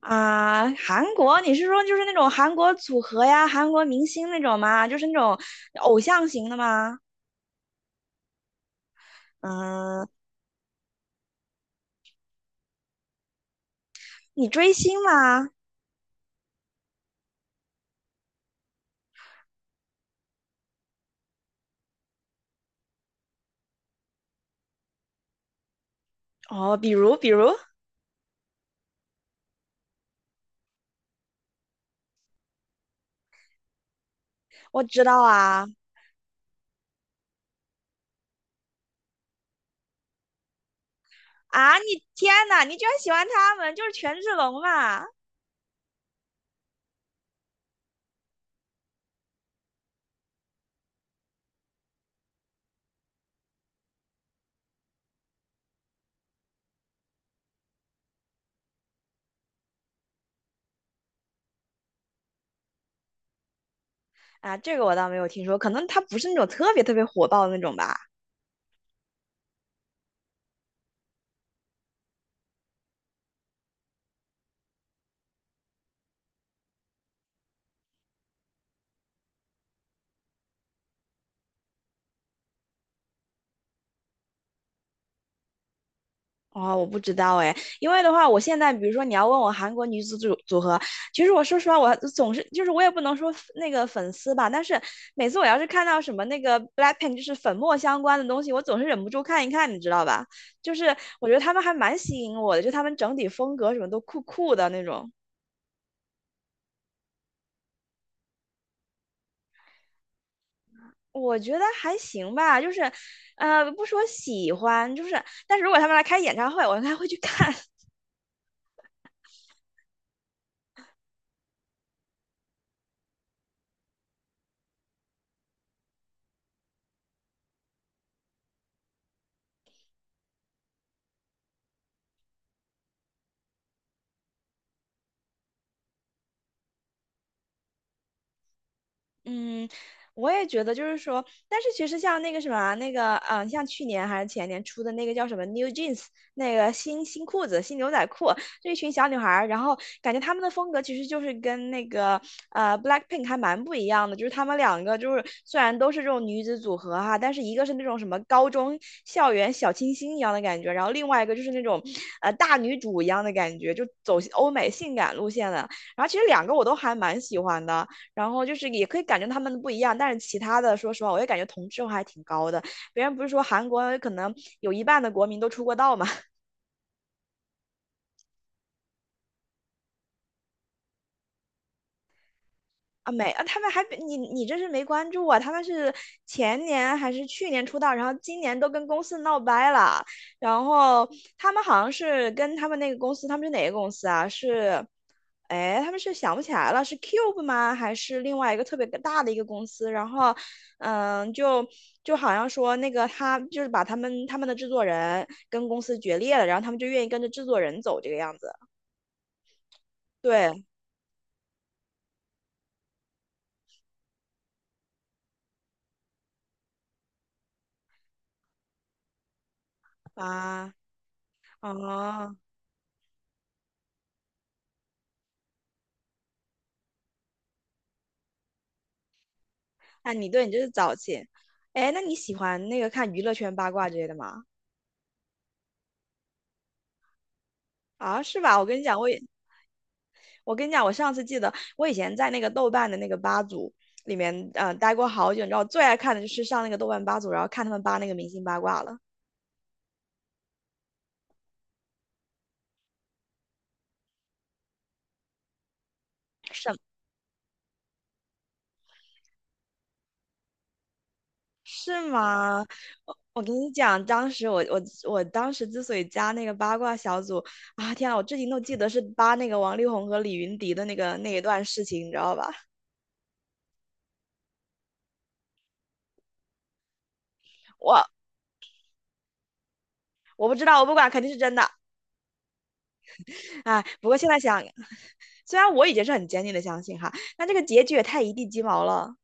啊，韩国，你是说就是那种韩国组合呀，韩国明星那种吗？就是那种偶像型的吗？嗯，你追星吗？哦，比如比如，我知道啊。啊！你天呐，你居然喜欢他们，就是权志龙嘛？啊，这个我倒没有听说，可能他不是那种特别特别火爆的那种吧。哦，我不知道哎，因为的话，我现在比如说你要问我韩国女子组合，其实我说实话，我总是就是我也不能说那个粉丝吧，但是每次我要是看到什么那个 BLACKPINK 就是粉末相关的东西，我总是忍不住看一看，你知道吧？就是我觉得他们还蛮吸引我的，就他们整体风格什么都酷酷的那种。我觉得还行吧，就是不说喜欢，就是但是如果他们来开演唱会，我应该会去看。嗯，我也觉得就是说，但是其实像那个什么啊，那个像去年还是前年出的那个叫什么 New Jeans,那个新裤子、新牛仔裤，这一群小女孩儿，然后感觉她们的风格其实就是跟那个Blackpink 还蛮不一样的，就是她们两个就是虽然都是这种女子组合哈，但是一个是那种什么高中校园小清新一样的感觉，然后另外一个就是那种大女主一样的感觉，就走欧美性感路线的。然后其实两个我都还蛮喜欢的。然后就是也可以感觉他们不一样，但是其他的，说实话，我也感觉同质化还挺高的。别人不是说韩国可能有一半的国民都出过道嘛？啊，没啊，他们还比你这是没关注啊，他们是前年还是去年出道，然后今年都跟公司闹掰了，然后他们好像是跟他们那个公司，他们是哪个公司啊？是，哎，他们是想不起来了，是 Cube 吗？还是另外一个特别大的一个公司？然后，嗯，就好像说那个他就是把他们的制作人跟公司决裂了，然后他们就愿意跟着制作人走这个样子。对啊，啊。啊，你对你这是早起，哎，那你喜欢那个看娱乐圈八卦之类的吗？啊，是吧？我跟你讲，我也，我跟你讲，我上次记得我以前在那个豆瓣的那个吧组里面，待过好久。你知道我最爱看的就是上那个豆瓣吧组，然后看他们扒那个明星八卦了。是是吗？我跟你讲，当时我当时之所以加那个八卦小组啊，天啊，我至今都记得是扒那个王力宏和李云迪的那个那一段事情，你知道吧？我我不知道，我不管，肯定是真的。哎，不过现在想虽然我已经是很坚定的相信哈，但这个结局也太一地鸡毛了。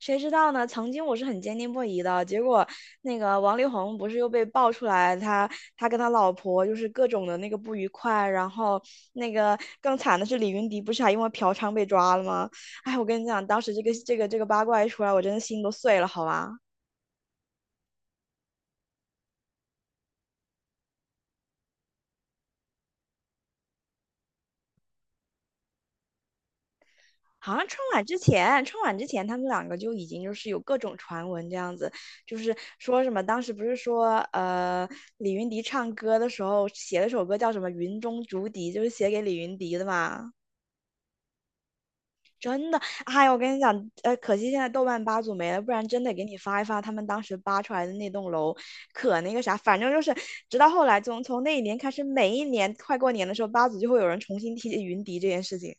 谁知道呢？曾经我是很坚定不移的，结果那个王力宏不是又被爆出来，他跟他老婆就是各种的那个不愉快，然后那个更惨的是李云迪不是还因为嫖娼被抓了吗？哎，我跟你讲，当时这个八卦一出来，我真的心都碎了，好吧。好像春晚之前，春晚之前他们两个就已经就是有各种传闻这样子，就是说什么当时不是说李云迪唱歌的时候写了首歌叫什么《云中竹笛》，就是写给李云迪的嘛。真的，哎呀，我跟你讲，可惜现在豆瓣八组没了，不然真得给你发一发他们当时扒出来的那栋楼，可那个啥，反正就是直到后来从那一年开始，每一年快过年的时候，八组就会有人重新提起云迪这件事情。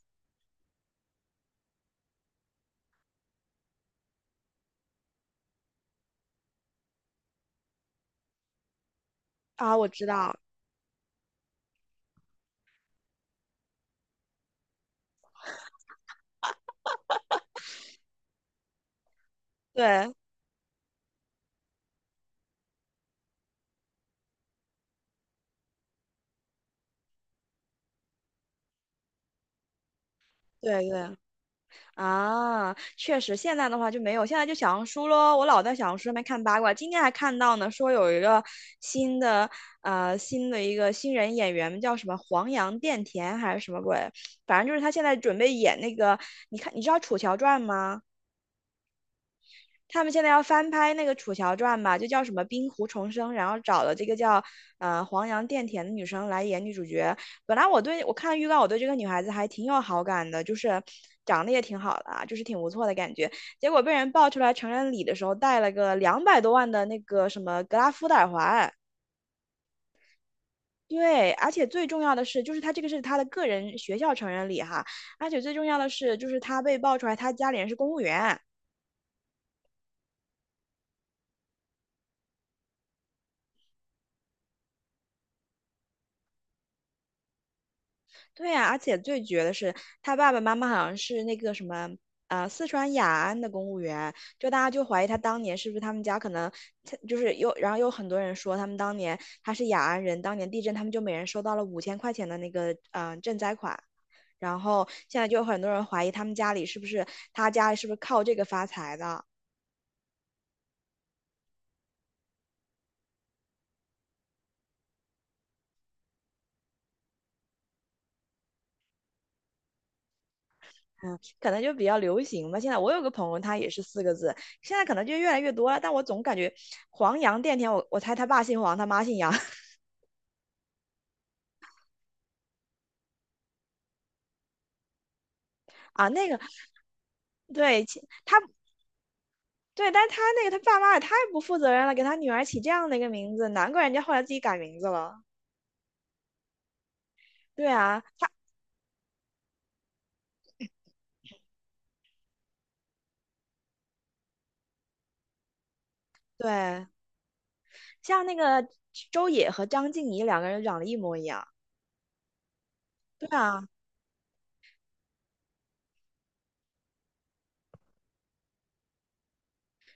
啊，我知道，对对对。啊，确实，现在的话就没有，现在就小红书咯，我老在小红书上面看八卦，今天还看到呢，说有一个新的新的一个新人演员叫什么黄杨钿甜还是什么鬼，反正就是他现在准备演那个，你看你知道《楚乔传》吗？他们现在要翻拍那个《楚乔传》吧，就叫什么《冰湖重生》，然后找了这个叫黄杨钿甜的女生来演女主角。本来我对我看预告，我对这个女孩子还挺有好感的，就是长得也挺好的啊，就是挺不错的感觉。结果被人爆出来成人礼的时候戴了个200多万的那个什么格拉夫的耳环。对，而且最重要的是，就是她这个是她的个人学校成人礼哈，而且最重要的是，就是她被爆出来她家里人是公务员。对呀、而且最绝的是，他爸爸妈妈好像是那个什么，四川雅安的公务员，就大家就怀疑他当年是不是他们家可能，他就是有，然后有很多人说他们当年他是雅安人，当年地震他们就每人收到了5000块钱的那个，赈灾款，然后现在就有很多人怀疑他家里是不是靠这个发财的。嗯，可能就比较流行吧。现在我有个朋友，他也是4个字，现在可能就越来越多了，但我总感觉黄洋电天，我猜他爸姓黄，他妈姓杨。啊，那个对，其他对，但是他那个他爸妈也太不负责任了，给他女儿起这样的一个名字，难怪人家后来自己改名字了。对啊，他对，像那个周也和张婧仪两个人长得一模一样。对啊，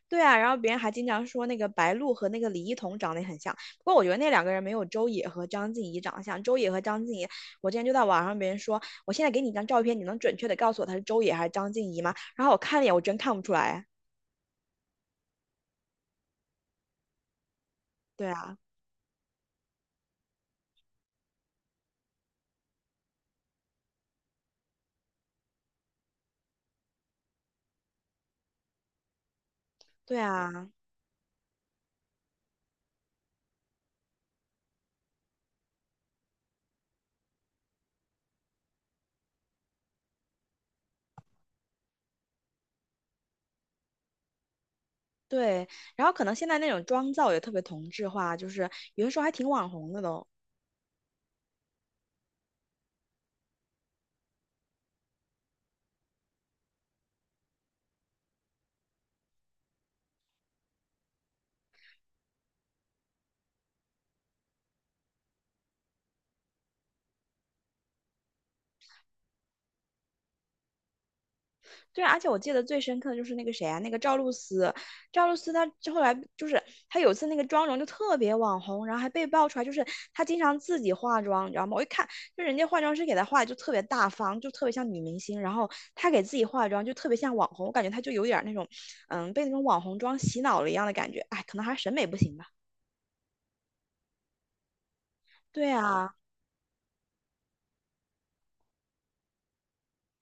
对啊，然后别人还经常说那个白鹿和那个李一桐长得也很像，不过我觉得那两个人没有周也和张婧仪长得像。周也和张婧仪，我之前就在网上别人说，我现在给你一张照片，你能准确的告诉我她是周也还是张婧仪吗？然后我看了一眼，我真看不出来。对啊，对啊。对，然后可能现在那种妆造也特别同质化，就是有的时候还挺网红的都。对，而且我记得最深刻的就是那个谁啊，那个赵露思，赵露思她就后来就是她有一次那个妆容就特别网红，然后还被爆出来，就是她经常自己化妆，你知道吗？我一看就人家化妆师给她化的就特别大方，就特别像女明星，然后她给自己化妆就特别像网红，我感觉她就有点儿那种，嗯，被那种网红妆洗脑了一样的感觉。哎，可能还是审美不行吧。对啊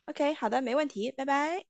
，OK,好的，没问题，拜拜。